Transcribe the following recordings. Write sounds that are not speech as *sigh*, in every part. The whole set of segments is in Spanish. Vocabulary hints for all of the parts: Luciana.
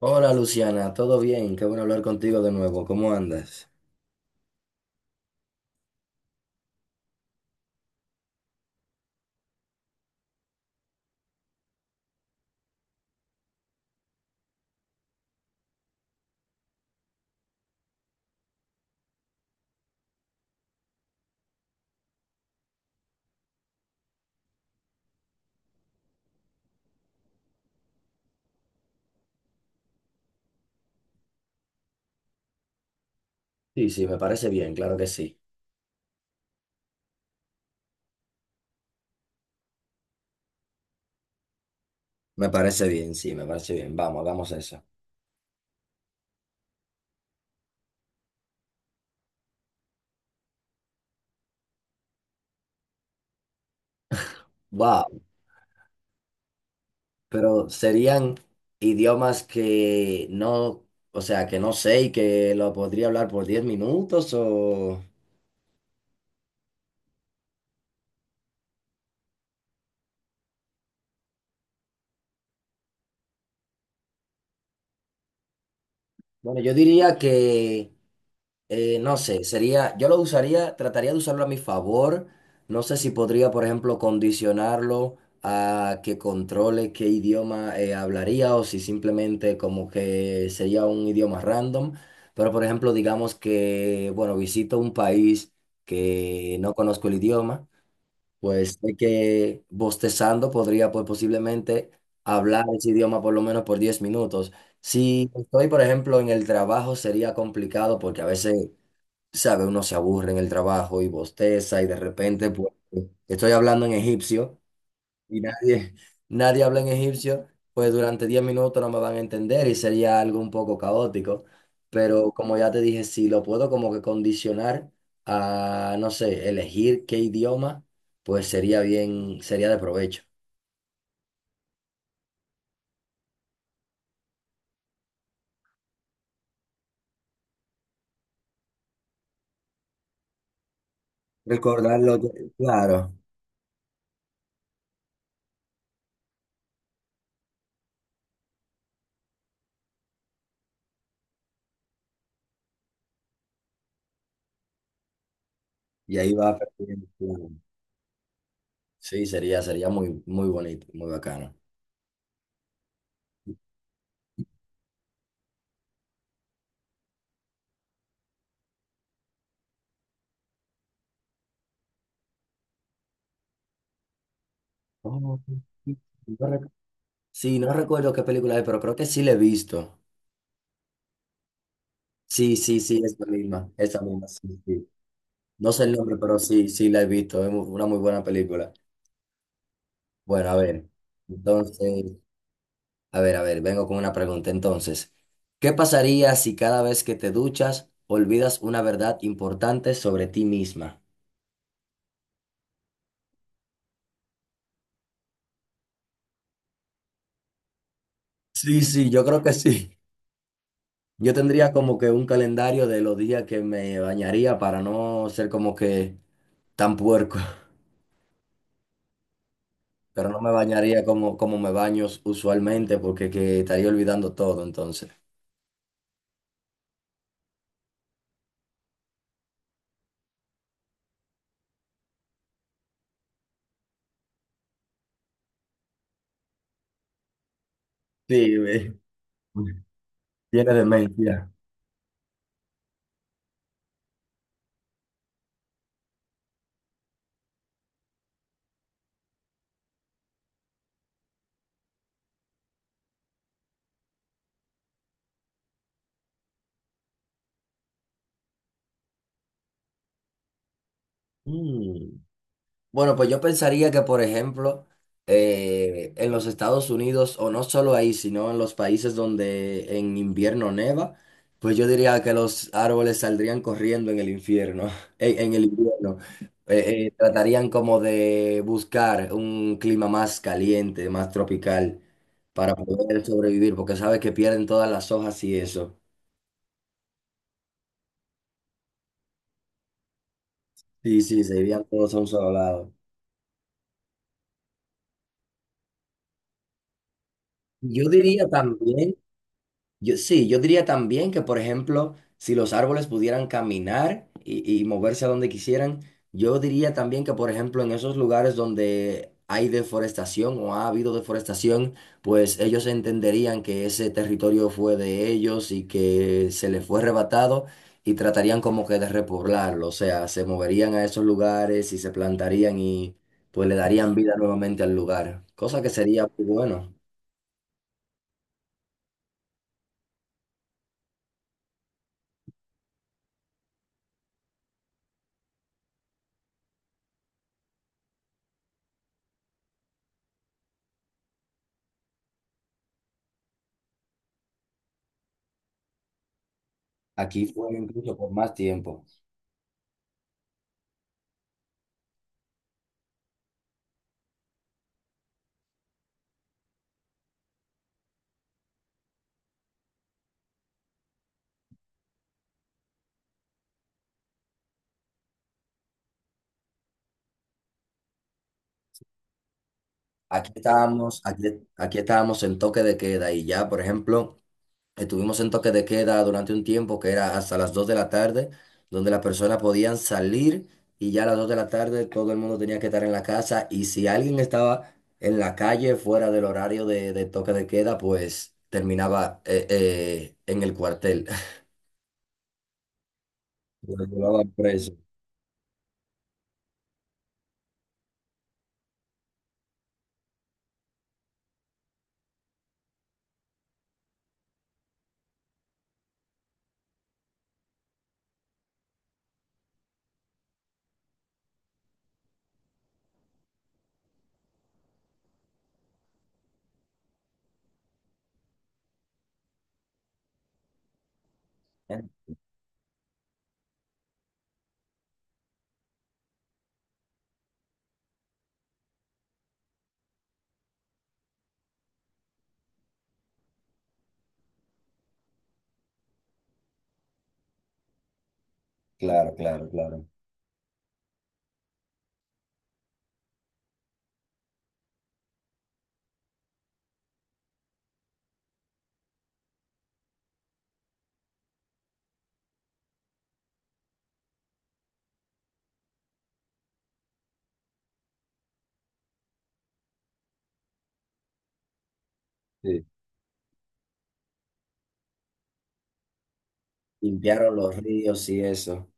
Hola Luciana, ¿todo bien? Qué bueno hablar contigo de nuevo. ¿Cómo andas? Sí, sí, me parece bien, claro que sí. Me parece bien, sí, me parece bien. Vamos, hagamos eso. Wow, pero serían idiomas que no, o sea, que no sé y que lo podría hablar por 10 minutos o. Bueno, yo diría que no sé, sería, yo lo usaría, trataría de usarlo a mi favor. No sé si podría, por ejemplo, condicionarlo a que controle qué idioma hablaría o si simplemente como que sería un idioma random. Pero, por ejemplo, digamos que, bueno, visito un país que no conozco el idioma, pues sé que bostezando podría, pues posiblemente hablar ese idioma por lo menos por 10 minutos. Si estoy, por ejemplo, en el trabajo sería complicado porque a veces sabe, uno se aburre en el trabajo y bosteza y de repente pues, estoy hablando en egipcio y nadie, *laughs* nadie habla en egipcio, pues durante 10 minutos no me van a entender y sería algo un poco caótico. Pero como ya te dije, si lo puedo como que condicionar a, no sé, elegir qué idioma, pues sería bien, sería de provecho. Recordarlo, claro, y ahí va perdiendo, claro. Sí, sería, sería muy, muy bonito, muy bacano. Oh, sí, sí, sí. Sí, no recuerdo qué película es, pero creo que sí la he visto. Sí, sí, sí, esa misma, sí, sí. No sé el nombre, pero sí, sí la he visto. Es una muy buena película. Bueno, a ver, entonces, a ver, vengo con una pregunta. Entonces, ¿qué pasaría si cada vez que te duchas olvidas una verdad importante sobre ti misma? Sí, sí, yo creo que sí. Yo tendría como que un calendario de los días que me bañaría para no ser como que tan puerco. Pero no me bañaría como me baño usualmente porque que estaría olvidando todo entonces. Sí, tiene demencia. Mm. Bueno, pues yo pensaría que, por ejemplo, en los Estados Unidos, o no solo ahí, sino en los países donde en invierno neva, pues yo diría que los árboles saldrían corriendo en el infierno, *laughs* en el invierno. Tratarían como de buscar un clima más caliente, más tropical, para poder sobrevivir, porque sabes que pierden todas las hojas y eso. Sí, sí, se irían todos a un solo lado. Yo diría también Yo, sí, yo diría también que, por ejemplo, si los árboles pudieran caminar y moverse a donde quisieran, yo diría también que, por ejemplo, en esos lugares donde hay deforestación o ha habido deforestación, pues ellos entenderían que ese territorio fue de ellos y que se les fue arrebatado y tratarían como que de repoblarlo, o sea, se moverían a esos lugares y se plantarían y pues le darían vida nuevamente al lugar, cosa que sería muy bueno. Aquí fue incluso por más tiempo. Aquí estábamos, aquí, aquí estábamos en toque de queda y ya, por ejemplo, estuvimos en toque de queda durante un tiempo que era hasta las 2 de la tarde, donde las personas podían salir y ya a las 2 de la tarde todo el mundo tenía que estar en la casa y si alguien estaba en la calle fuera del horario de toque de queda, pues terminaba en el cuartel. *laughs* Lo llevaban preso. ¿Eh? Claro, claro, claro. Sí. Limpiaron los ríos y eso,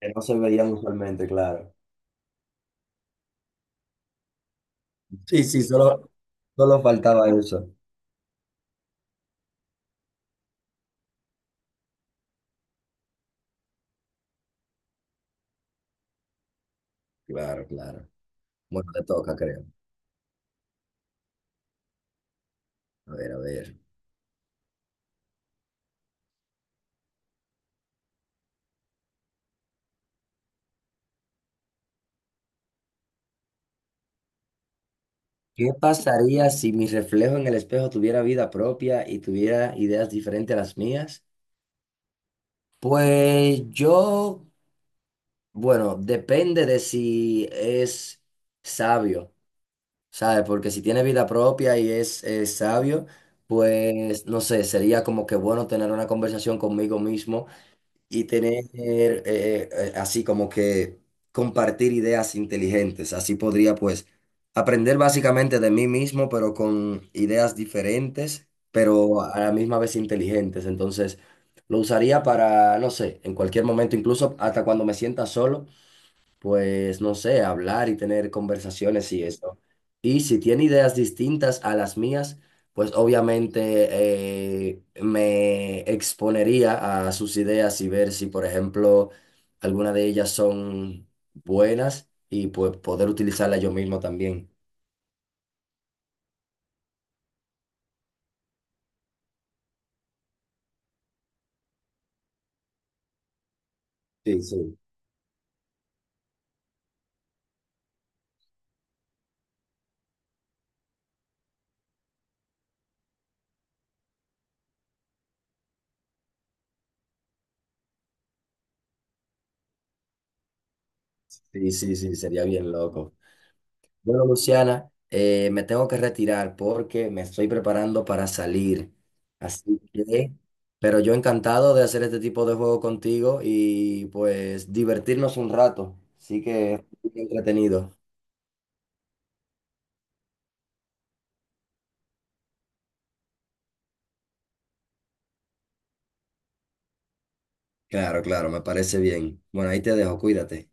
que no se veían usualmente, claro. Sí, sí, solo, solo faltaba eso. Claro, claro. Bueno, te toca, creo. A ver, a ver. ¿Qué pasaría si mi reflejo en el espejo tuviera vida propia y tuviera ideas diferentes a las mías? Pues yo, bueno, depende de si es sabio, ¿sabes? Porque si tiene vida propia y es sabio, pues no sé, sería como que bueno tener una conversación conmigo mismo y tener así como que compartir ideas inteligentes. Así podría pues aprender básicamente de mí mismo, pero con ideas diferentes, pero a la misma vez inteligentes. Entonces lo usaría para, no sé, en cualquier momento, incluso hasta cuando me sienta solo, pues, no sé, hablar y tener conversaciones y eso. Y si tiene ideas distintas a las mías, pues obviamente me exponería a sus ideas y ver si, por ejemplo, alguna de ellas son buenas y pues poder utilizarla yo mismo también. Sí, sí. Sí, sí, sí, sería bien loco. Bueno, Luciana, me tengo que retirar porque me estoy preparando para salir. Así que, pero yo encantado de hacer este tipo de juego contigo y pues divertirnos un rato. Así que, muy entretenido. Claro, claro, me parece bien. Bueno, ahí te dejo, cuídate.